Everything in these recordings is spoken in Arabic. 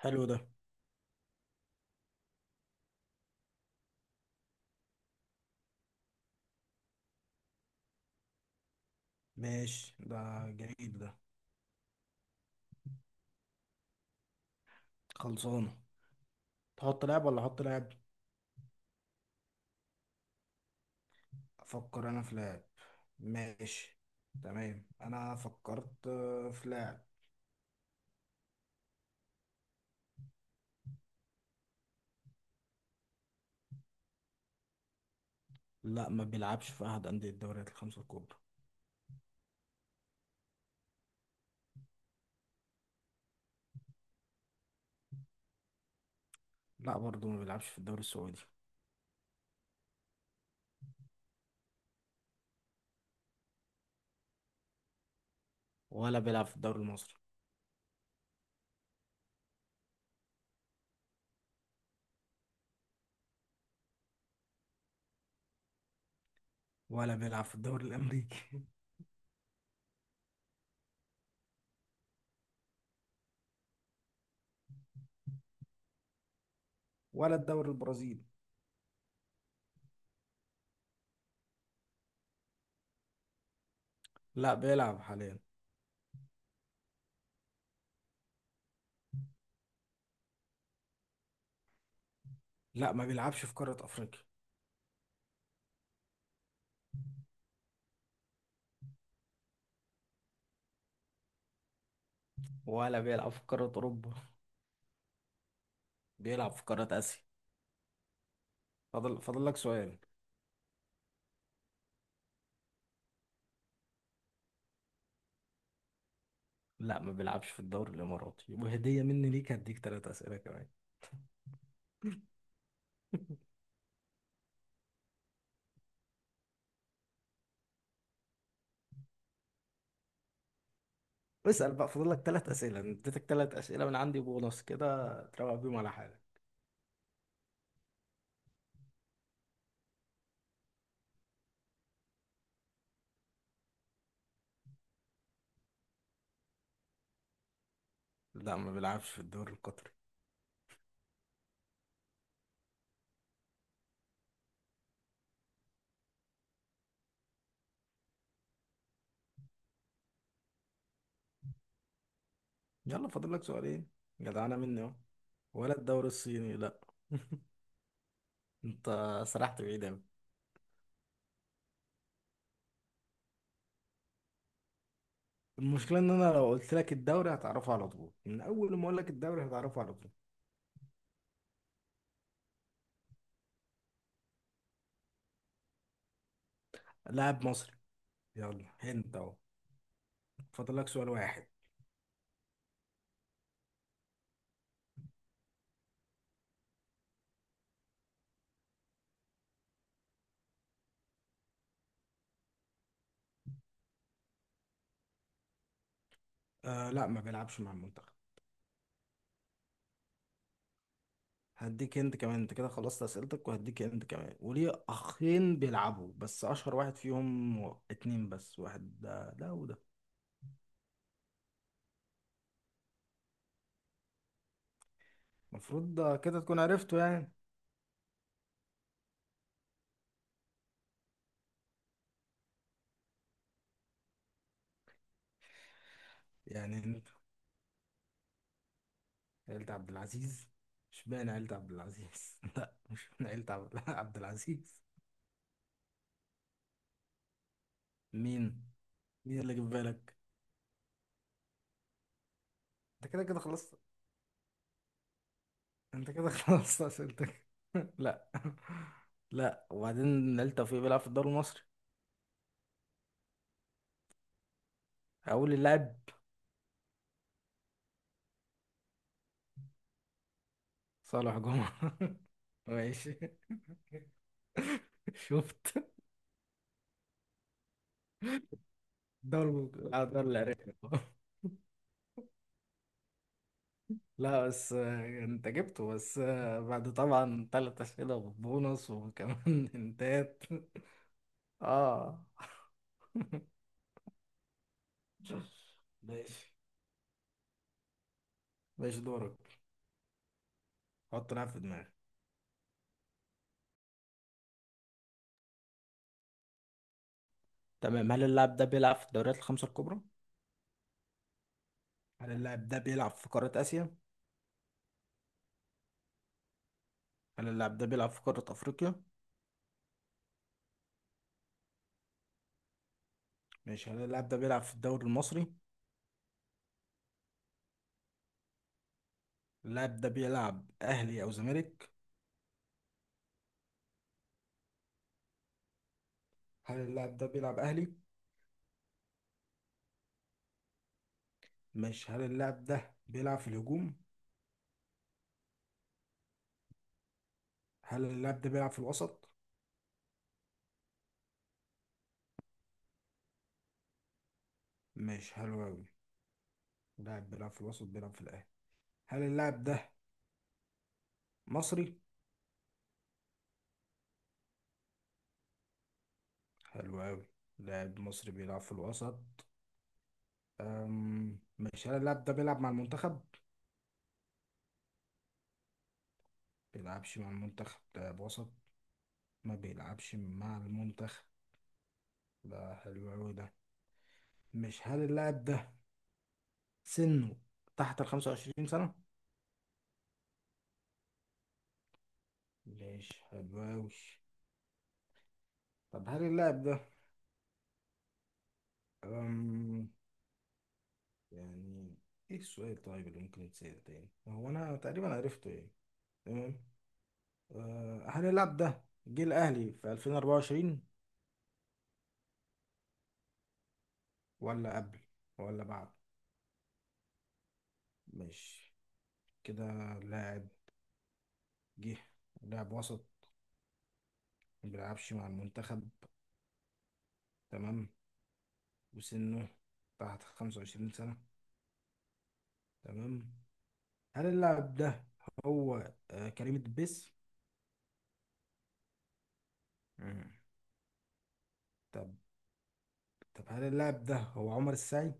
حلو ده. ماشي، ده جميل ده. خلصانة. تحط لعب ولا احط لعب؟ افكر انا في لعب. ماشي. تمام، انا فكرت في لعب. لا، ما بيلعبش في احد اندية الدوريات الخمسة الكبرى. لا، برضه ما بيلعبش في الدوري السعودي. ولا بيلعب في الدوري المصري. ولا بيلعب في الدوري الامريكي. ولا الدوري البرازيلي. لا، بيلعب حاليا. لا، ما بيلعبش في قارة افريقيا. ولا بيلعب في قارة أوروبا. بيلعب في قارة اسيا. فاضل لك سؤال. لا، ما بيلعبش في الدوري الاماراتي، وهديه مني ليك، هديك 3 اسئله كمان. اسال بقى، فاضل لك 3 اسئله. أنا اديتك 3 اسئله من عندي بونص كده، تروق بيهم على حالك. لا، ما بيلعبش في الدوري القطري. يلا، فاضل لك سؤالين. جدعانه مني اهو. ولا الدوري الصيني، لا. انت سرحت بعيد اوي. المشكله ان انا لو قلت لك الدوري هتعرفه على طول، من اول ما اقول لك الدوري هتعرفه على طول. لاعب مصري. يلا، هنت اهو. فاضل لك سؤال واحد. آه، لا، ما بيلعبش مع المنتخب. هديك انت كمان، انت كده خلصت اسئلتك، وهديك انت كمان، وليه اخين بيلعبوا، بس اشهر واحد فيهم. اتنين بس، واحد ده وده. المفروض ده كده تكون عرفته يعني. يعني انت، عيلة عبد العزيز؟ مش باين عيلة عبد العزيز. لا، مش من عيلة عبد عبد العزيز. مين مين اللي جه في بالك؟ انت كده خلصت. انت كده خلصت اسئلتك. لا، لا، وبعدين عيلة توفيق بيلعب في الدوري المصري. هقول اللاعب. صالح جمعة؟ ماشي. شفت؟ دول اللي عرفته. لا، بس انت جبته، بس بعد طبعا ثلاث اسئله وبونص وكمان انتات. اه. ماشي، ماشي دورك. حط لاعب في دماغك. تمام، هل اللاعب ده بيلعب في الدوريات الخمسة الكبرى؟ هل اللاعب ده بيلعب في قاره اسيا؟ هل اللاعب ده بيلعب في قاره افريقيا؟ ماشي، هل اللاعب ده بيلعب في الدوري المصري؟ اللاعب ده بيلعب اهلي او زمالك؟ هل اللاعب ده بيلعب اهلي؟ ماشي، هل اللاعب ده بيلعب في الهجوم؟ هل اللاعب ده بيلعب في الوسط؟ ماشي، حلو أوي. لاعب بيلعب في الوسط، بيلعب في الأهلي. هل اللاعب ده مصري؟ حلو أوي. لاعب مصري بيلعب في الوسط. ماشي، هل اللاعب ده بيلعب مع المنتخب؟ بيلعبش مع المنتخب، لاعب وسط. ما بيلعبش مع المنتخب. ده حلو أوي ده. مش هل اللاعب ده، سنه تحت ال 25 سنة؟ ماشي، حلو أوي. طب هل اللاعب ده، أم، يعني، ايه السؤال طيب اللي ممكن يتسأل تاني؟ هو أنا تقريبا عرفته يعني. تمام. هنلعب ده. جه الأهلي في 2024؟ ولا قبل، ولا بعد؟ ماشي. كده لاعب جه، لاعب وسط، ما بيلعبش مع المنتخب، تمام. وسنه تحت 25 سنة، تمام. هل اللاعب ده هو كريم الدبيس؟ مم. طب، هل اللاعب ده هو عمر السعي؟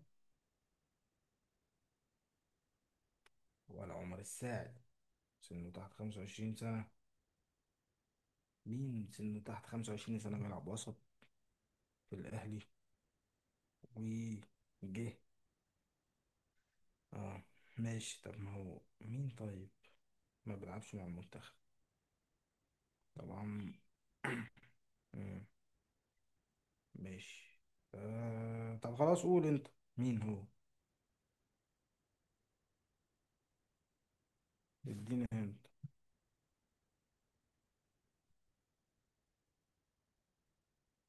ولا عمر السعي؟ سنه تحت 25 سنة. مين سنه تحت 25 سنة بيلعب وسط في الأهلي وجه؟ اه، ماشي. طب ما هو مين طيب، ما بيلعبش مع المنتخب طبعا. مم، ماشي، طب خلاص، قول انت مين هو. اديني هنت.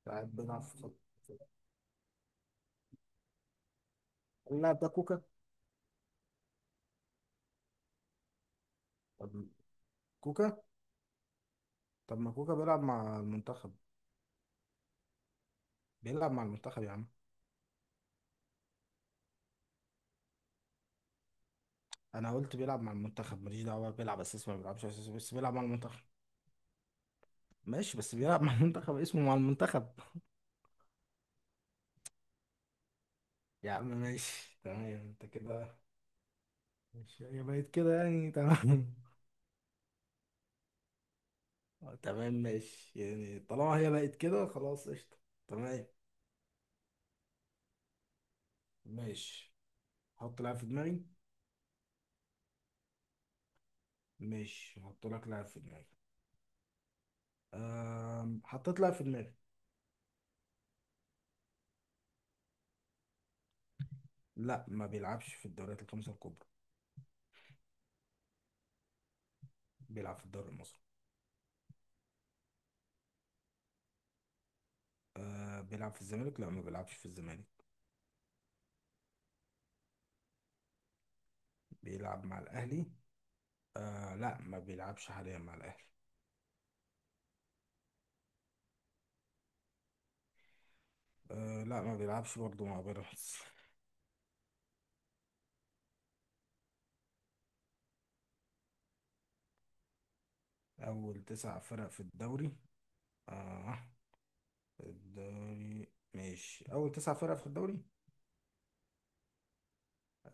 لاعب بيلعب في خط. اللاعب ده كوكا. طب كوكا؟ طب ما كوكا بيلعب مع المنتخب. بيلعب مع المنتخب يا عم. انا قلت بيلعب مع المنتخب، ماليش دعوه بيلعب اساسي ما بيلعبش اساسي، بس بيلعب مع المنتخب. ماشي، بس بيلعب مع المنتخب، اسمه مع المنتخب. يا عم ماشي، تمام، انت كده. ماشي، هي بقت كده يعني، تمام. تمام، ماشي، يعني طالما هي بقت كده خلاص، قشطة. تمام. ماشي، حط لاعب في دماغي. ماشي، هحط لك لاعب في دماغي. حطيت لاعب في دماغي. لا، ما بيلعبش في الدوريات الخمسة الكبرى. بيلعب في الدوري المصري. أه، بيلعب في الزمالك؟ لا، ما بيلعبش في الزمالك. بيلعب مع الأهلي؟ أه، لا، ما بيلعبش حاليا مع الأهلي. أه، لا، ما بيلعبش برضه مع بيراميدز. أول 9 فرق في الدوري؟ أه، الدوري، ماشي، أول 9 فرق في الدوري.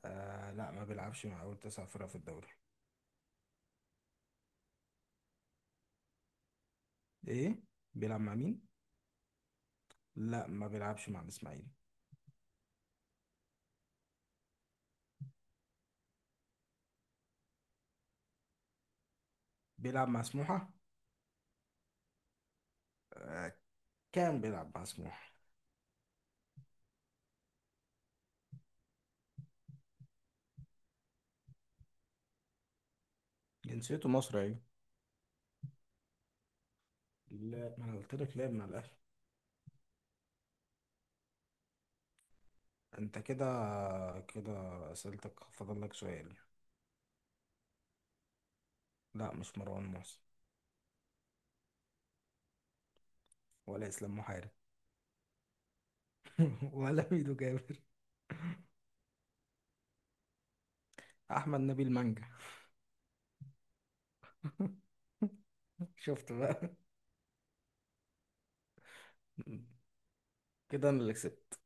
آه، لا، ما بيلعبش مع أول 9 فرق في الدوري. إيه؟ بيلعب مع مين؟ لا، ما بيلعبش مع الإسماعيلي. بيلعب مع سموحة. آه، كان بيلعب مع سموحة. جنسيته مصري، أيوة. لا، ما أنا قلت لك لعب مع الأهلي. أنت كده أسئلتك، فاضل لك سؤال. لا، مش مروان محسن. ولا إسلام محارب. ولا ميدو جابر. أحمد نبيل مانجا. شفت بقى؟ كده أنا اللي كسبت.